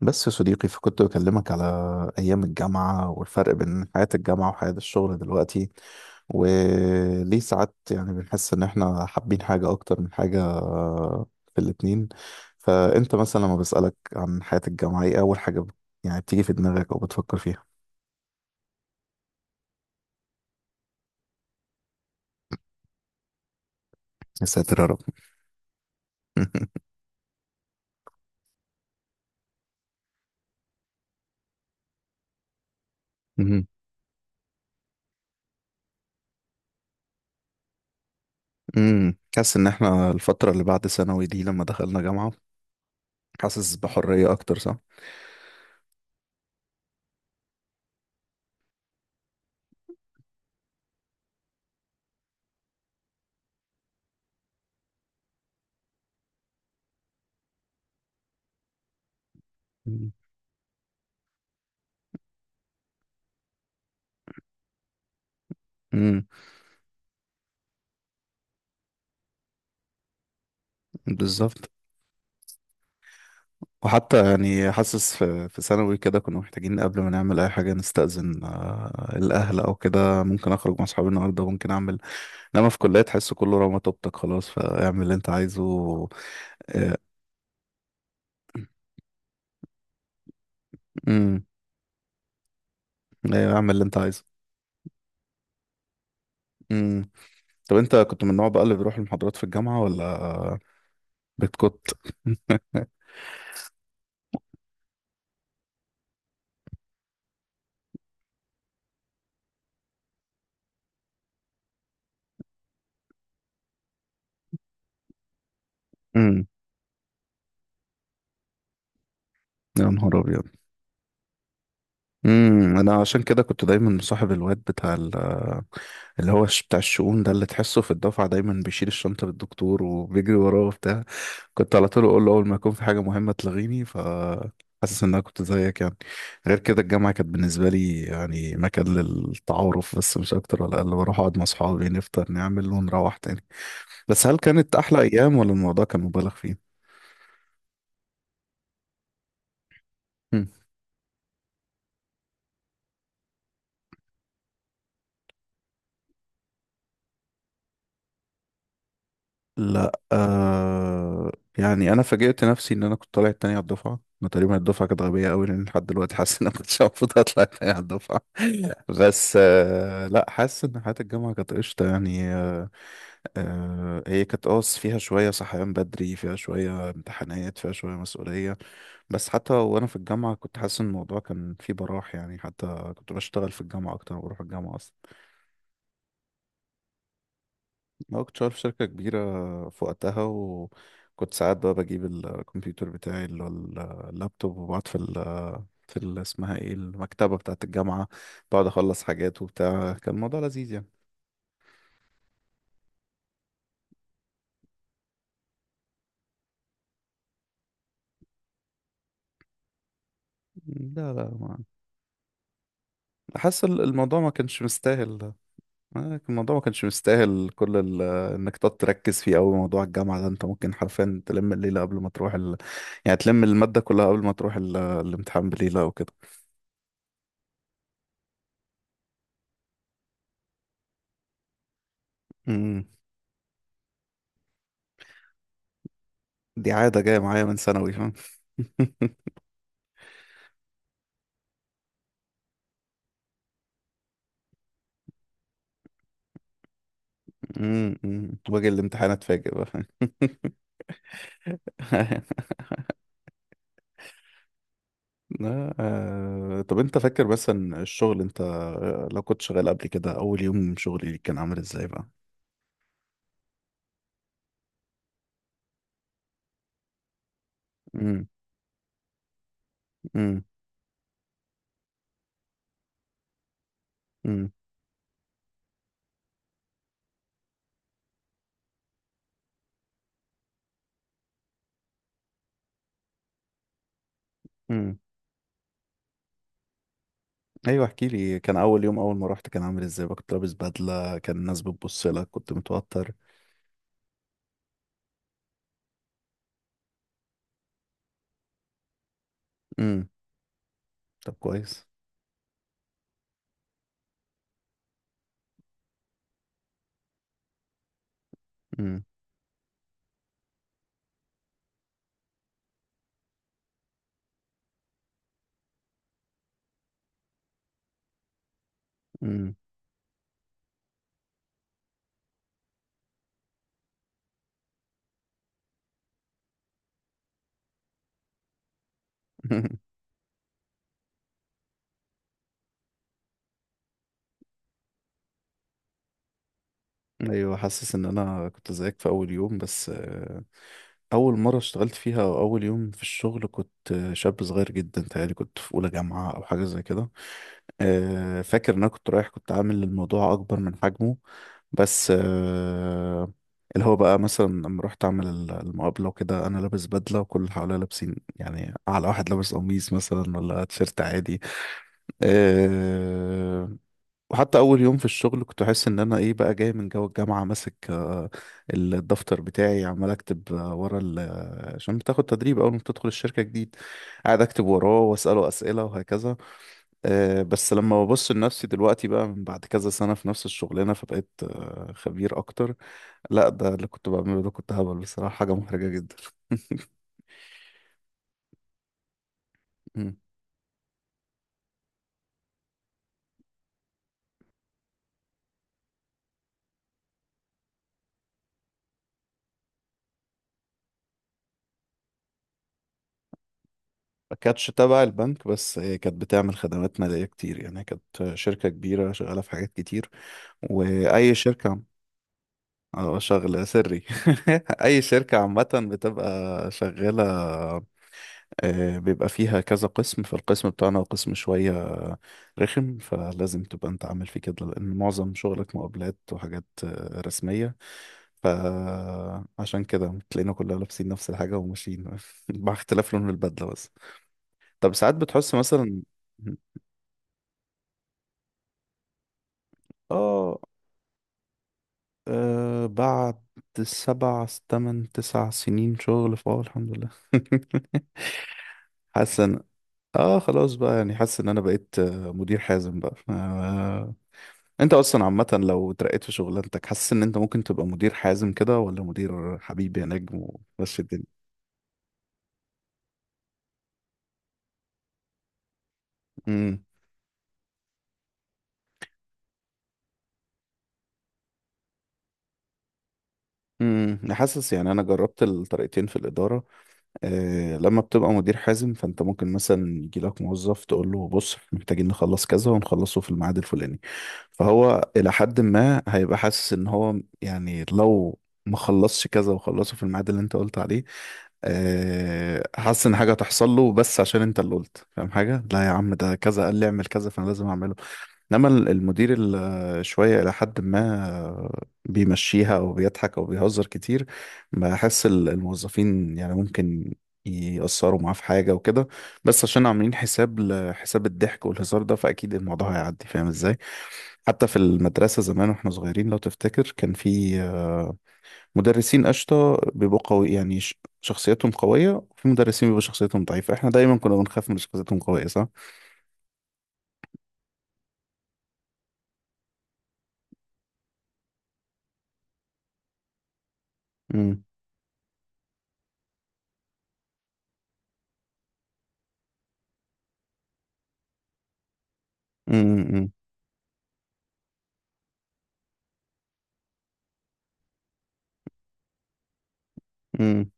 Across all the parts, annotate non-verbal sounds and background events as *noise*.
بس يا صديقي فكنت بكلمك على أيام الجامعة والفرق بين حياة الجامعة وحياة الشغل دلوقتي، وليه ساعات يعني بنحس إن إحنا حابين حاجة أكتر من حاجة في الاتنين. فأنت مثلا لما بسألك عن حياة الجامعة، إيه أول حاجة يعني بتيجي في دماغك أو بتفكر فيها؟ يا ساتر يا رب. *laughs* مهم. مم. حاسس إن إحنا الفترة اللي بعد ثانوي دي لما دخلنا جامعة حاسس بحرية أكتر، صح؟ مم. مم. بالظبط. وحتى يعني حاسس في ثانوي كده كنا محتاجين قبل ما نعمل اي حاجه نستأذن، الاهل او كده، ممكن اخرج مع اصحابي النهارده، ممكن اعمل. انما في كليه تحس كله رمى طوبتك خلاص فاعمل اللي انت عايزه. آه. امم. ايوه اعمل اللي انت عايزه. امم. طب انت كنت من النوع بقى اللي بيروح المحاضرات في الجامعه ولا بتكت؟ امم. يا نهار ابيض. امم. انا عشان كده كنت دايما مصاحب الواد بتاع اللي هو بتاع الشؤون ده، اللي تحسه في الدفعة دايما بيشيل الشنطة للدكتور وبيجري وراه وبتاع. كنت على طول أقول له أول ما يكون في حاجة مهمة تلغيني، حاسس إن أنا كنت زيك يعني. غير كده الجامعة كانت بالنسبة لي يعني مكان للتعارف بس، مش أكتر ولا أقل. بروح أقعد مع أصحابي نفطر نعمل ونروح تاني. بس هل كانت أحلى أيام ولا الموضوع كان مبالغ فيه؟ لا. يعني انا فاجئت نفسي ان انا كنت طالع التاني على الدفعه. انا تقريبا الدفعه كانت غبيه قوي لان لحد دلوقتي حاسس ان انا كنتش المفروض اطلع التاني على الدفعه. *laughs* بس لا، حاسس ان حياه الجامعه كانت قشطه يعني. هي كانت، فيها شويه صحيان بدري، فيها شويه امتحانات، فيها شويه مسؤوليه. بس حتى وانا في الجامعه كنت حاسس ان الموضوع كان فيه براح يعني، حتى كنت بشتغل في الجامعه اكتر ما بروح الجامعه. أنا كنت شغال في شركة كبيرة في وقتها، وكنت ساعات بقى بجيب الكمبيوتر بتاعي اللي هو اللابتوب، وبقعد في اسمها ايه، المكتبة بتاعة الجامعة. بقعد أخلص حاجات وبتاع. كان الموضوع لذيذ يعني. لا لا. ما حاسس الموضوع ما كانش مستاهل ده. الموضوع ما كانش مستاهل كل انك تقعد تركز فيه أوي. موضوع الجامعة ده انت ممكن حرفيا تلم الليلة قبل ما تروح يعني تلم المادة كلها قبل ما تروح الامتحان، بليلة أو كده. مم. دي عادة جاية معايا من ثانوي فاهم. *laughs* امم. أمم. واجي الامتحان اتفاجئ بقى. *laughs* لا. طب انت فاكر مثلا الشغل، انت لو كنت شغال قبل كده، اول يوم شغلي كان عامل ازاي بقى؟ امم. امم. امم. أمم. ايوه احكي لي، كان اول يوم اول ما رحت كان عامل ازاي بقى، كنت لابس بدلة، كان الناس بتبص لك، كنت متوتر؟ امم. طب كويس. امم. امم. *laughs* ايوه حاسس ان انا كنت زيك في اول يوم، بس اول مره اشتغلت فيها او اول يوم في الشغل كنت شاب صغير جدا، تهيألي كنت في اولى جامعه او حاجه زي كده. فاكر ان انا كنت رايح كنت عامل الموضوع اكبر من حجمه. بس اللي هو بقى مثلا لما رحت اعمل المقابله وكده، انا لابس بدله وكل اللي حواليا لابسين يعني، اعلى واحد لابس قميص مثلا ولا تيشيرت عادي. آه، وحتى اول يوم في الشغل كنت احس ان انا ايه بقى، جاي من جو الجامعه ماسك الدفتر بتاعي عمال اكتب ورا عشان بتاخد تدريب اول ما بتدخل الشركه جديد. قاعد اكتب وراه واساله اسئله وهكذا. بس لما ببص لنفسي دلوقتي بقى من بعد كذا سنه في نفس الشغلانه فبقيت خبير اكتر. لا، ده اللي كنت بعمله ده كنت هبل بصراحه، حاجه محرجه جدا. *laughs* ما كانتش تبع البنك، بس هي كانت بتعمل خدمات مالية كتير يعني، كانت شركة كبيرة شغالة في حاجات كتير. وأي شركة اه شغلة سري. *laughs* أي شركة عامة بتبقى شغالة، بيبقى فيها كذا قسم. فالقسم بتاعنا قسم شوية رخم، فلازم تبقى أنت عامل فيه كده لأن معظم شغلك مقابلات وحاجات رسمية. فعشان كده تلاقينا كلنا لابسين نفس الحاجة وماشيين *laughs* مع اختلاف لون البدلة. طب ساعات بتحس مثلا، اه بعد 7 8 9 سنين شغل، فاه الحمد لله. *laughs* حاسس ان، اه خلاص بقى يعني حاسس ان انا بقيت مدير حازم بقى. انت اصلا عامة لو اترقيت في شغلانتك حاسس ان انت ممكن تبقى مدير حازم كده، ولا مدير حبيبي يا نجم، ومشي الدنيا. امم. امم. أنا حاسس يعني انا جربت الطريقتين في الادارة. لما بتبقى مدير حازم فانت ممكن مثلا يجي لك موظف تقول له بص إحنا محتاجين نخلص كذا ونخلصه في الميعاد الفلاني. فهو الى حد ما هيبقى حاسس ان هو، يعني لو ما خلصش كذا وخلصه في الميعاد اللي انت قلت عليه، حاسس ان حاجه هتحصل له، بس عشان انت اللي قلت، فاهم حاجه؟ لا يا عم، ده كذا قال لي اعمل كذا فانا لازم اعمله. انما المدير اللي شويه الى حد ما بيمشيها او بيضحك او بيهزر كتير، بحس الموظفين يعني ممكن يأثروا معاه في حاجه وكده، بس عشان عاملين حساب لحساب الضحك والهزار ده فاكيد الموضوع هيعدي، فاهم ازاي؟ حتى في المدرسه زمان واحنا صغيرين لو تفتكر كان في مدرسين قشطه بيبقوا قوي يعني، شخصيتهم قويه، وفي مدرسين بيبقوا شخصيتهم ضعيفه. احنا دايما كنا بنخاف من شخصيتهم قويه، صح؟ امم. امم.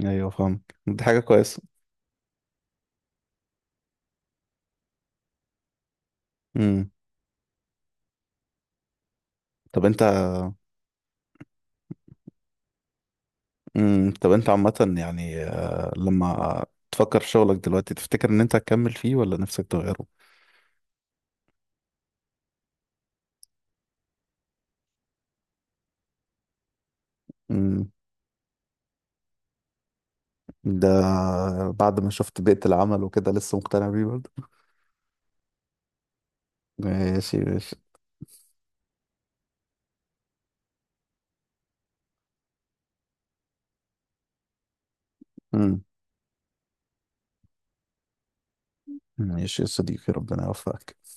ايوه فاهمك، دي حاجة كويسة. امم طب انت طب انت عامة يعني، لما تفكر في شغلك دلوقتي تفتكر ان انت هتكمل فيه ولا نفسك تغيره؟ امم ده بعد ما شفت بيئة العمل وكده لسه مقتنع بيه برضه؟ ماشي ماشي. امم ماشي يا صديقي ربنا يوفقك.